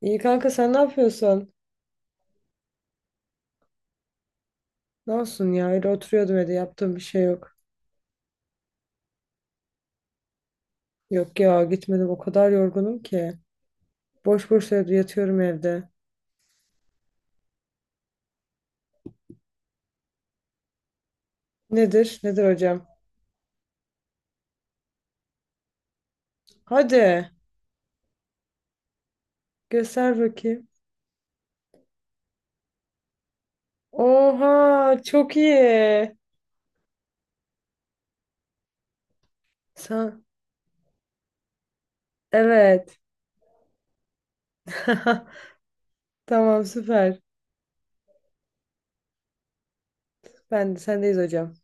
İyi kanka, sen ne yapıyorsun? Ne olsun ya, öyle oturuyordum evde, yaptığım bir şey yok. Yok ya, gitmedim, o kadar yorgunum ki. Boş boş evde yatıyorum evde. Nedir? Nedir hocam? Hadi göster bakayım. Oha çok iyi. Sen... Evet. Tamam, süper. Ben de sendeyiz hocam.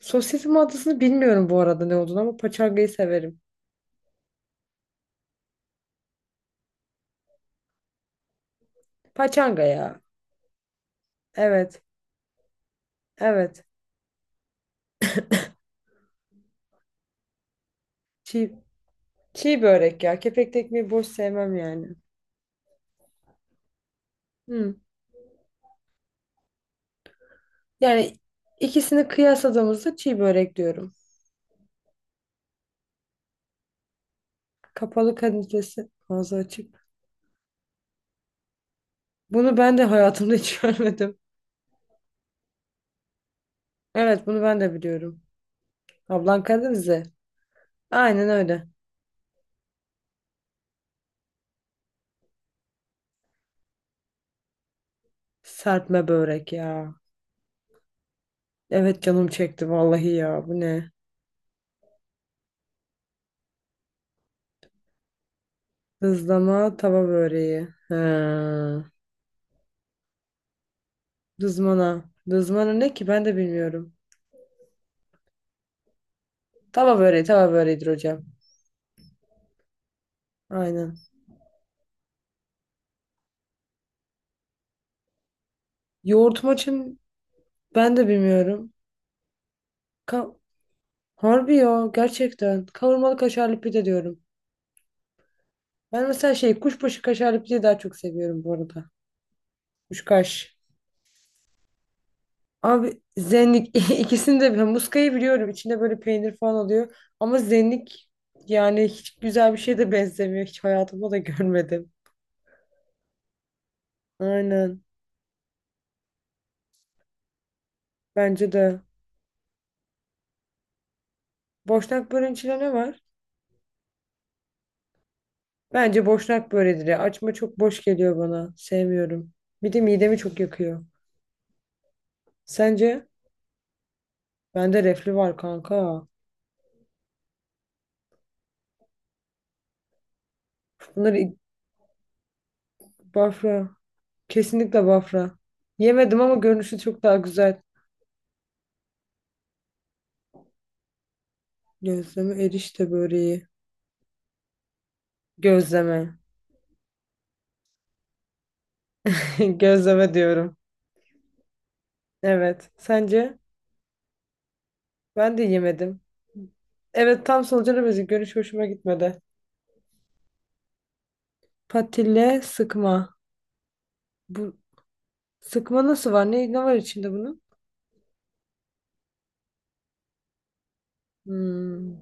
Sosyetim adısını bilmiyorum bu arada ne olduğunu, ama paçangayı severim. Paçanga ya. Evet. Evet. Çiğ, çiğ börek ya. Kepekli ekmeği boş sevmem yani. Hı. Yani ikisini kıyasladığımızda çiğ börek diyorum. Kapalı kadifesi ağzı açık. Bunu ben de hayatımda hiç görmedim. Evet, bunu ben de biliyorum. Ablan Karadenizli. Aynen öyle. Serpme börek ya. Evet, canım çekti vallahi ya. Bu ne? Dızlama tava böreği. Ha. Dızmana. Dızmana ne ki, ben de bilmiyorum. Tava böreği tava böreğidir hocam. Aynen. Yoğurt maçın ben de bilmiyorum. Ka Harbi ya, gerçekten. Kavurmalı kaşarlı pide diyorum. Ben mesela şey, kuşbaşı kaşarlı pideyi daha çok seviyorum bu arada. Kuşkaş. Abi zenlik, ikisini de, ben muskayı biliyorum. İçinde böyle peynir falan oluyor. Ama zenlik yani hiç güzel bir şeye de benzemiyor. Hiç hayatımda da görmedim. Aynen. Bence de. Boşnak böreğin içinde ne var? Bence boşnak böreğidir ya. Açma çok boş geliyor bana. Sevmiyorum. Bir de midemi çok yakıyor. Sence? Bende reflü var kanka. Bunları Bafra. Kesinlikle Bafra. Yemedim, ama görünüşü çok daha güzel. Gözleme erişte böreği. Gözleme. Gözleme diyorum. Evet. Sence? Ben de yemedim. Evet, tam solucanı benziyor. Görünüş hoşuma gitmedi. Patille sıkma. Bu sıkma nasıl var? Ne var içinde bunun? Hmm.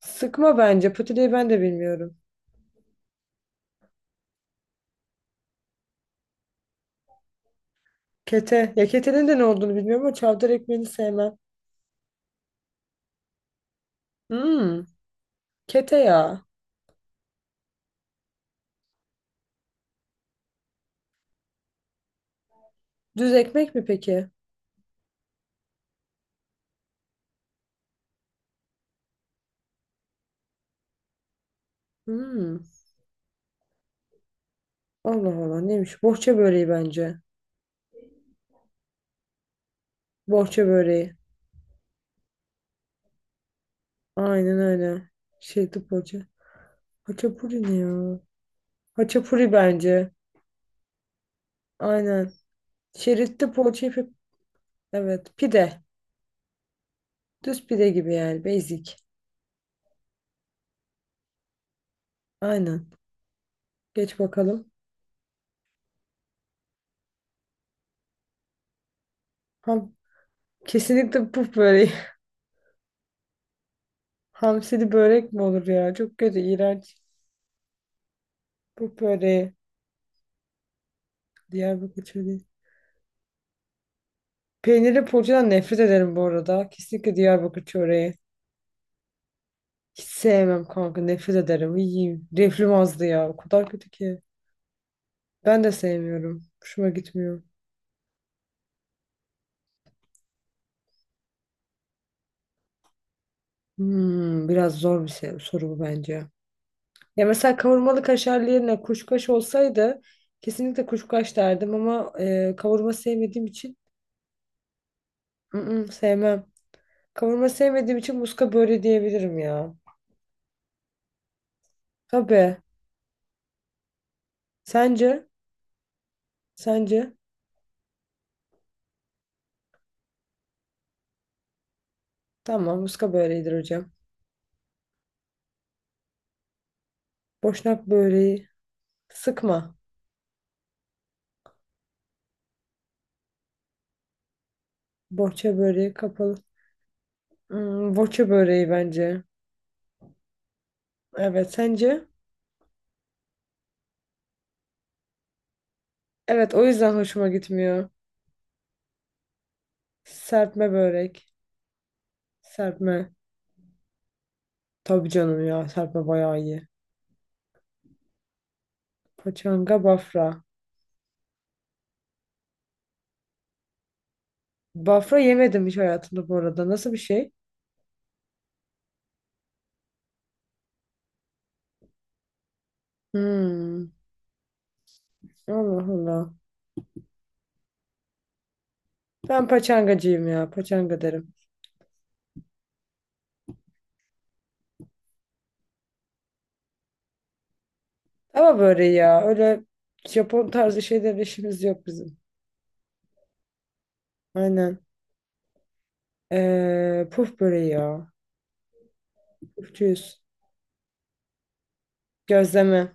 Sıkma bence. Patileyi ben de bilmiyorum. Kete. Ya ketenin de ne olduğunu bilmiyorum, ama çavdar ekmeğini sevmem. Hmm. Kete ya. Düz ekmek mi peki? Hmm. Allah Allah, neymiş? Bohça böreği bence. Bohça böreği. Aynen öyle. Şeritli poğaça. Haçapuri ne ya? Haçapuri bence. Aynen. Şeritli poğaça ipi. Evet. Pide. Düz pide gibi yani. Basic. Aynen. Geç bakalım. Ham. Kesinlikle puf böreği. Hamsili börek mi olur ya? Çok kötü, iğrenç. Puf böreği. Diyarbakır çöreği. Peynirli poğaçadan nefret ederim bu arada. Kesinlikle Diyarbakır çöreği. Hiç sevmem kanka. Nefret ederim. İyiyim. Reflüm azdı ya. O kadar kötü ki. Ben de sevmiyorum. Hoşuma gitmiyor. Hmm, biraz zor bir soru bu bence. Ya mesela kavurmalı kaşar yerine kuşkaş olsaydı kesinlikle kuşkaş derdim, ama kavurma sevmediğim için ı-ı, sevmem. Kavurma sevmediğim için muska böyle diyebilirim ya. Tabii. Sence? Sence? Tamam, muska böyledir hocam. Boşnak böreği. Sıkma. Bohça böreği kapalı. Hmm, boça böreği bence. Evet, sence? Evet, o yüzden hoşuma gitmiyor. Serpme börek. Serpme. Tabii canım ya, serpme bayağı iyi. Paçanga bafra. Bafra yemedim hiç hayatımda bu arada. Nasıl bir şey? Hmm. Allah Allah. Ben paçangacıyım ya. Paçanga derim. Ama böreği ya. Öyle Japon tarzı şeyler işimiz yok bizim. Aynen. Puf böreği ya. Pufçuyuz. Gözleme.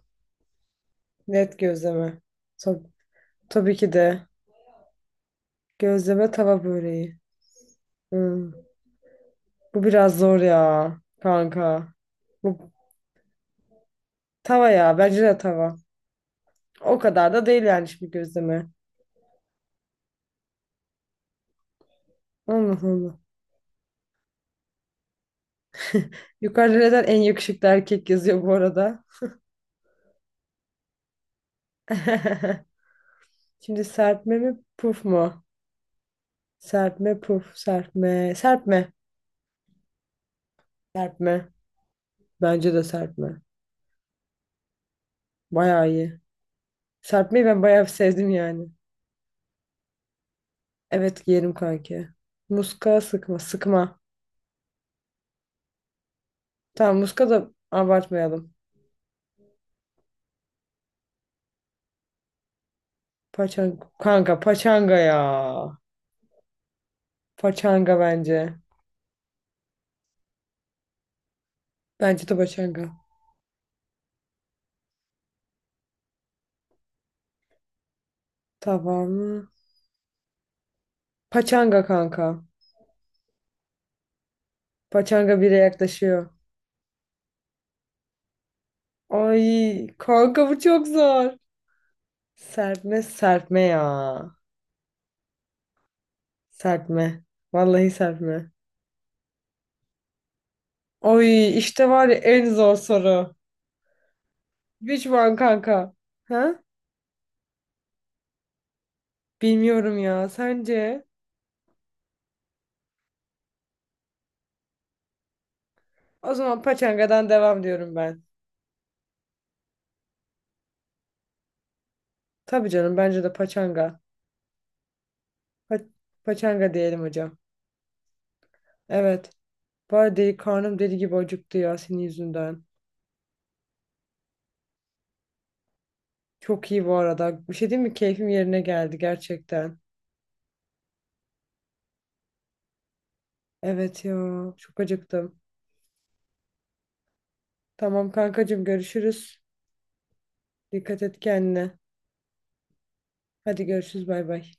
Net gözleme. Tabii, tabii ki de. Gözleme tava böreği. Hmm. Bu biraz zor ya kanka. Bu tava ya, bence de tava. O kadar da değil yani şimdi gözleme. Allah Allah. Yukarıda neden en yakışıklı erkek yazıyor bu arada? Şimdi serpme mi puf mu? Serpme puf serpme. Serpme. Serpme. Bence de serpme. Bayağı iyi. Serpmeyi ben bayağı sevdim yani. Evet, giyerim kanki. Muska sıkma sıkma. Tamam, muska da abartmayalım. Paçanga. Kanka paçanga ya. Paçanga bence. Bence de paçanga. Tamam mı? Paçanga kanka. Paçanga bire yaklaşıyor. Ay kanka, bu çok zor. Serpme serpme ya. Serpme. Vallahi serpme. Ay, işte var ya en zor soru. Which one kanka? Ha? Bilmiyorum ya. Sence? O zaman paçangadan devam diyorum ben. Tabii canım, bence de paçanga. Pa- paçanga diyelim hocam. Evet. Baya deli, karnım deli gibi acıktı ya senin yüzünden. Çok iyi bu arada. Bir şey değil mi? Keyfim yerine geldi gerçekten. Evet ya. Çok acıktım. Tamam kankacığım, görüşürüz. Dikkat et kendine. Hadi görüşürüz, bay bay.